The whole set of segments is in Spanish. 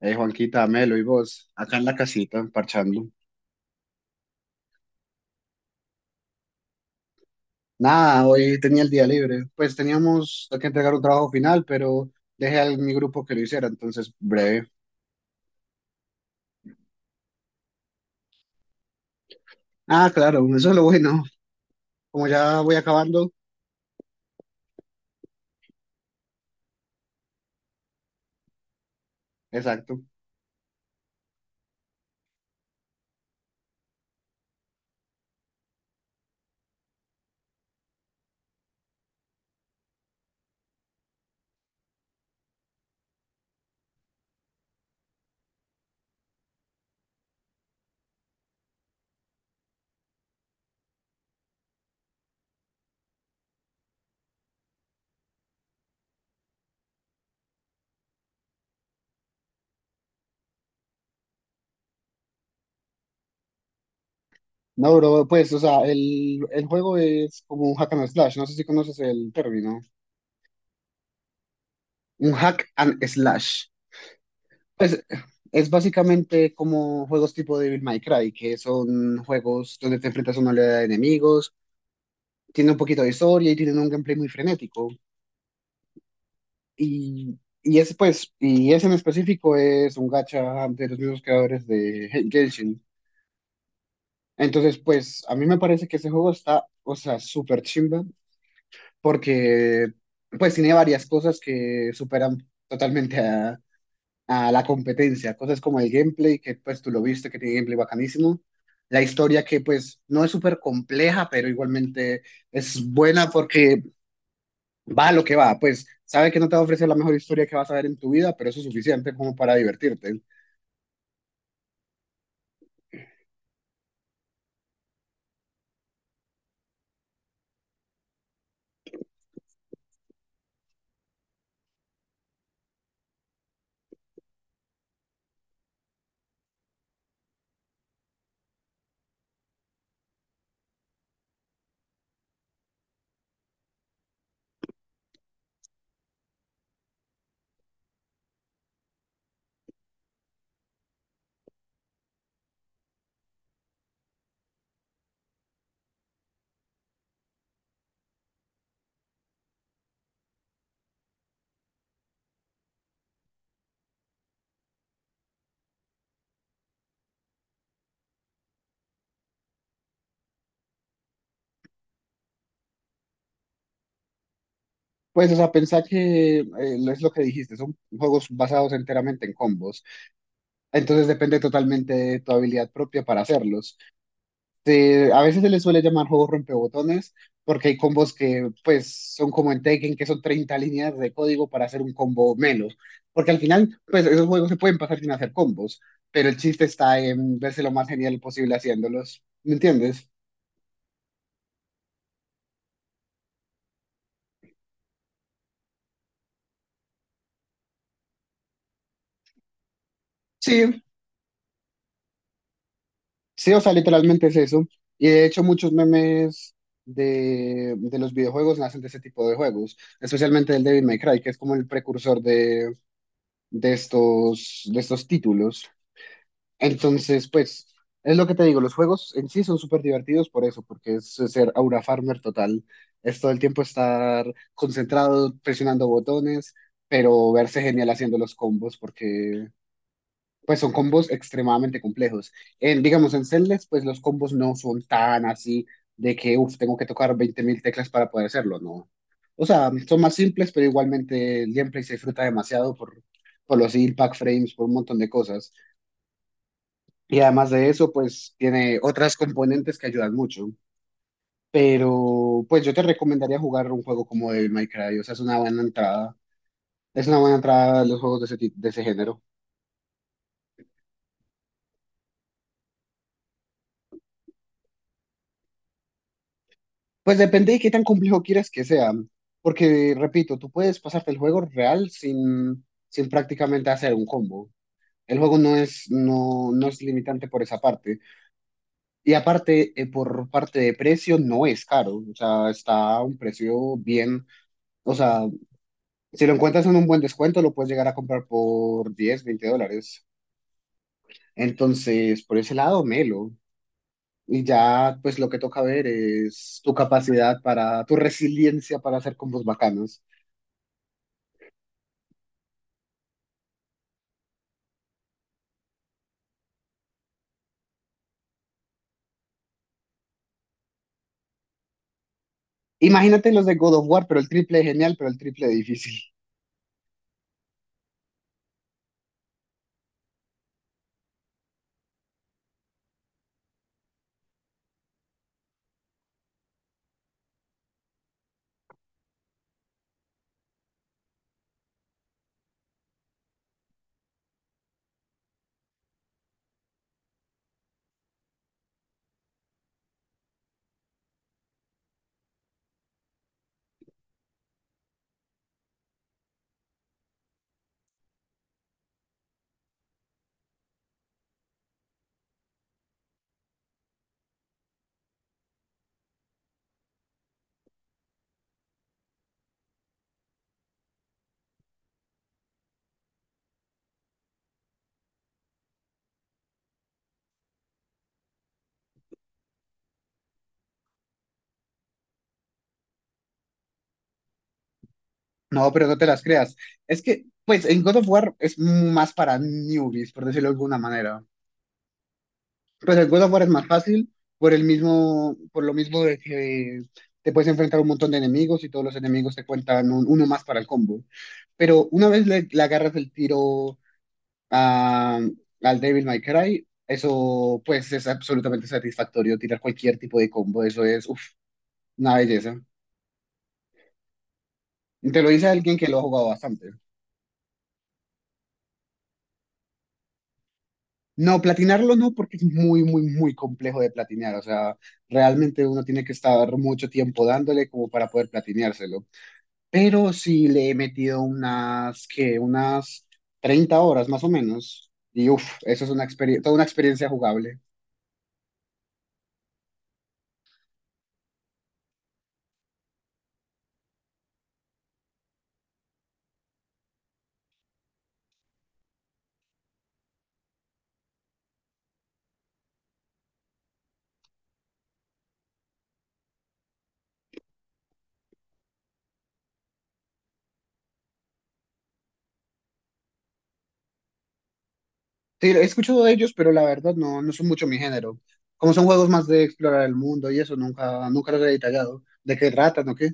Juanquita, Melo y vos, acá en la casita, parchando. Nada, hoy tenía el día libre. Pues teníamos que entregar un trabajo final, pero dejé a mi grupo que lo hiciera, entonces breve. Ah, claro, eso es lo bueno. Como ya voy acabando, exacto. No, bro, pues, o sea, el juego es como un hack and slash. No sé si conoces el término. Un hack and slash. Pues es básicamente como juegos tipo Devil May Cry, que son juegos donde te enfrentas a una oleada de enemigos. Tiene un poquito de historia y tienen un gameplay muy frenético. Y, y ese en específico es un gacha de los mismos creadores de Genshin. Entonces, pues, a mí me parece que ese juego está, o sea, súper chimba, porque, pues, tiene varias cosas que superan totalmente a la competencia. Cosas como el gameplay, que, pues, tú lo viste, que tiene gameplay bacanísimo. La historia, que pues no es súper compleja, pero igualmente es buena porque va lo que va. Pues sabe que no te va a ofrecer la mejor historia que vas a ver en tu vida, pero eso es suficiente como para divertirte. Pues, o sea, pensá que es lo que dijiste, son juegos basados enteramente en combos, entonces depende totalmente de tu habilidad propia para hacerlos. A veces se les suele llamar juegos rompebotones porque hay combos que, pues, son como en Tekken, que son 30 líneas de código para hacer un combo melo, porque al final, pues, esos juegos se pueden pasar sin hacer combos, pero el chiste está en verse lo más genial posible haciéndolos, ¿me entiendes? Sí, sí, o sea, literalmente es eso. Y de hecho, muchos memes de los videojuegos nacen de ese tipo de juegos, especialmente el Devil May Cry, que es como el precursor de, de estos títulos. Entonces, pues, es lo que te digo, los juegos en sí son súper divertidos por eso, porque es ser aura farmer total. Es todo el tiempo estar concentrado, presionando botones, pero verse genial haciendo los combos, porque pues son combos extremadamente complejos. En, digamos, en Celeste, pues los combos no son tan así de que, uff, tengo que tocar 20.000 teclas para poder hacerlo, no. O sea, son más simples, pero igualmente el gameplay se disfruta demasiado por, los impact frames, por un montón de cosas. Y además de eso, pues tiene otras componentes que ayudan mucho. Pero, pues yo te recomendaría jugar un juego como Devil May Cry, o sea, es una buena entrada. Es una buena entrada a los juegos de ese género. Pues depende de qué tan complejo quieras que sea, porque repito, tú puedes pasarte el juego real sin prácticamente hacer un combo. El juego no es limitante por esa parte. Y aparte, por parte de precio, no es caro. O sea, está a un precio bien. O sea, si lo encuentras en un buen descuento, lo puedes llegar a comprar por 10, 20 dólares. Entonces, por ese lado, melo. Y ya, pues lo que toca ver es tu capacidad para, tu resiliencia para hacer combos bacanos. Imagínate los de God of War, pero el triple de genial, pero el triple de difícil. No, pero no te las creas. Es que, pues, en God of War es más para newbies, por decirlo de alguna manera. Pues el God of War es más fácil por el mismo, por lo mismo de que te puedes enfrentar a un montón de enemigos y todos los enemigos te cuentan uno más para el combo. Pero una vez le agarras el tiro a, al Devil May Cry, eso, pues, es absolutamente satisfactorio. Tirar cualquier tipo de combo, eso es, uff, una belleza. Te lo dice alguien que lo ha jugado bastante. No, platinarlo no, porque es muy, muy, muy complejo de platinear. O sea, realmente uno tiene que estar mucho tiempo dándole como para poder platineárselo. Pero sí le he metido unas 30 horas más o menos. Y uff, eso es una experiencia, toda una experiencia jugable. Sí, he escuchado de ellos, pero la verdad no son mucho mi género. Como son juegos más de explorar el mundo y eso, nunca, nunca los he detallado. ¿De qué tratan o qué?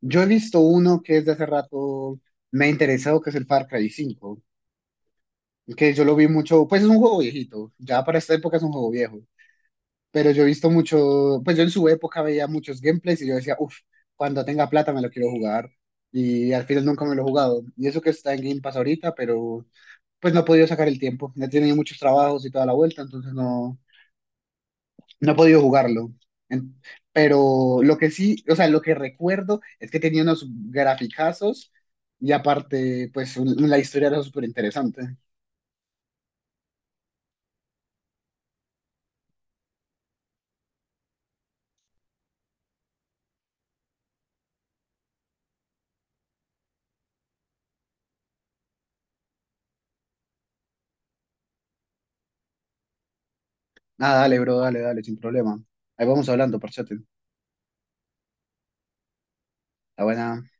Yo he visto uno que desde hace rato me ha interesado, que es el Far Cry 5, que yo lo vi mucho. Pues es un juego viejito, ya para esta época es un juego viejo, pero yo he visto mucho, pues yo en su época veía muchos gameplays y yo decía, uff, cuando tenga plata me lo quiero jugar, y al final nunca me lo he jugado, y eso que está en Game Pass ahorita, pero pues no he podido sacar el tiempo, he tenido muchos trabajos y toda la vuelta, entonces No he podido jugarlo. En- Pero lo que sí, o sea, lo que recuerdo es que tenía unos graficazos y aparte, pues la historia era súper interesante. Ah, dale, bro, dale, dale, sin problema. Ahí vamos hablando, parchate. Está buena.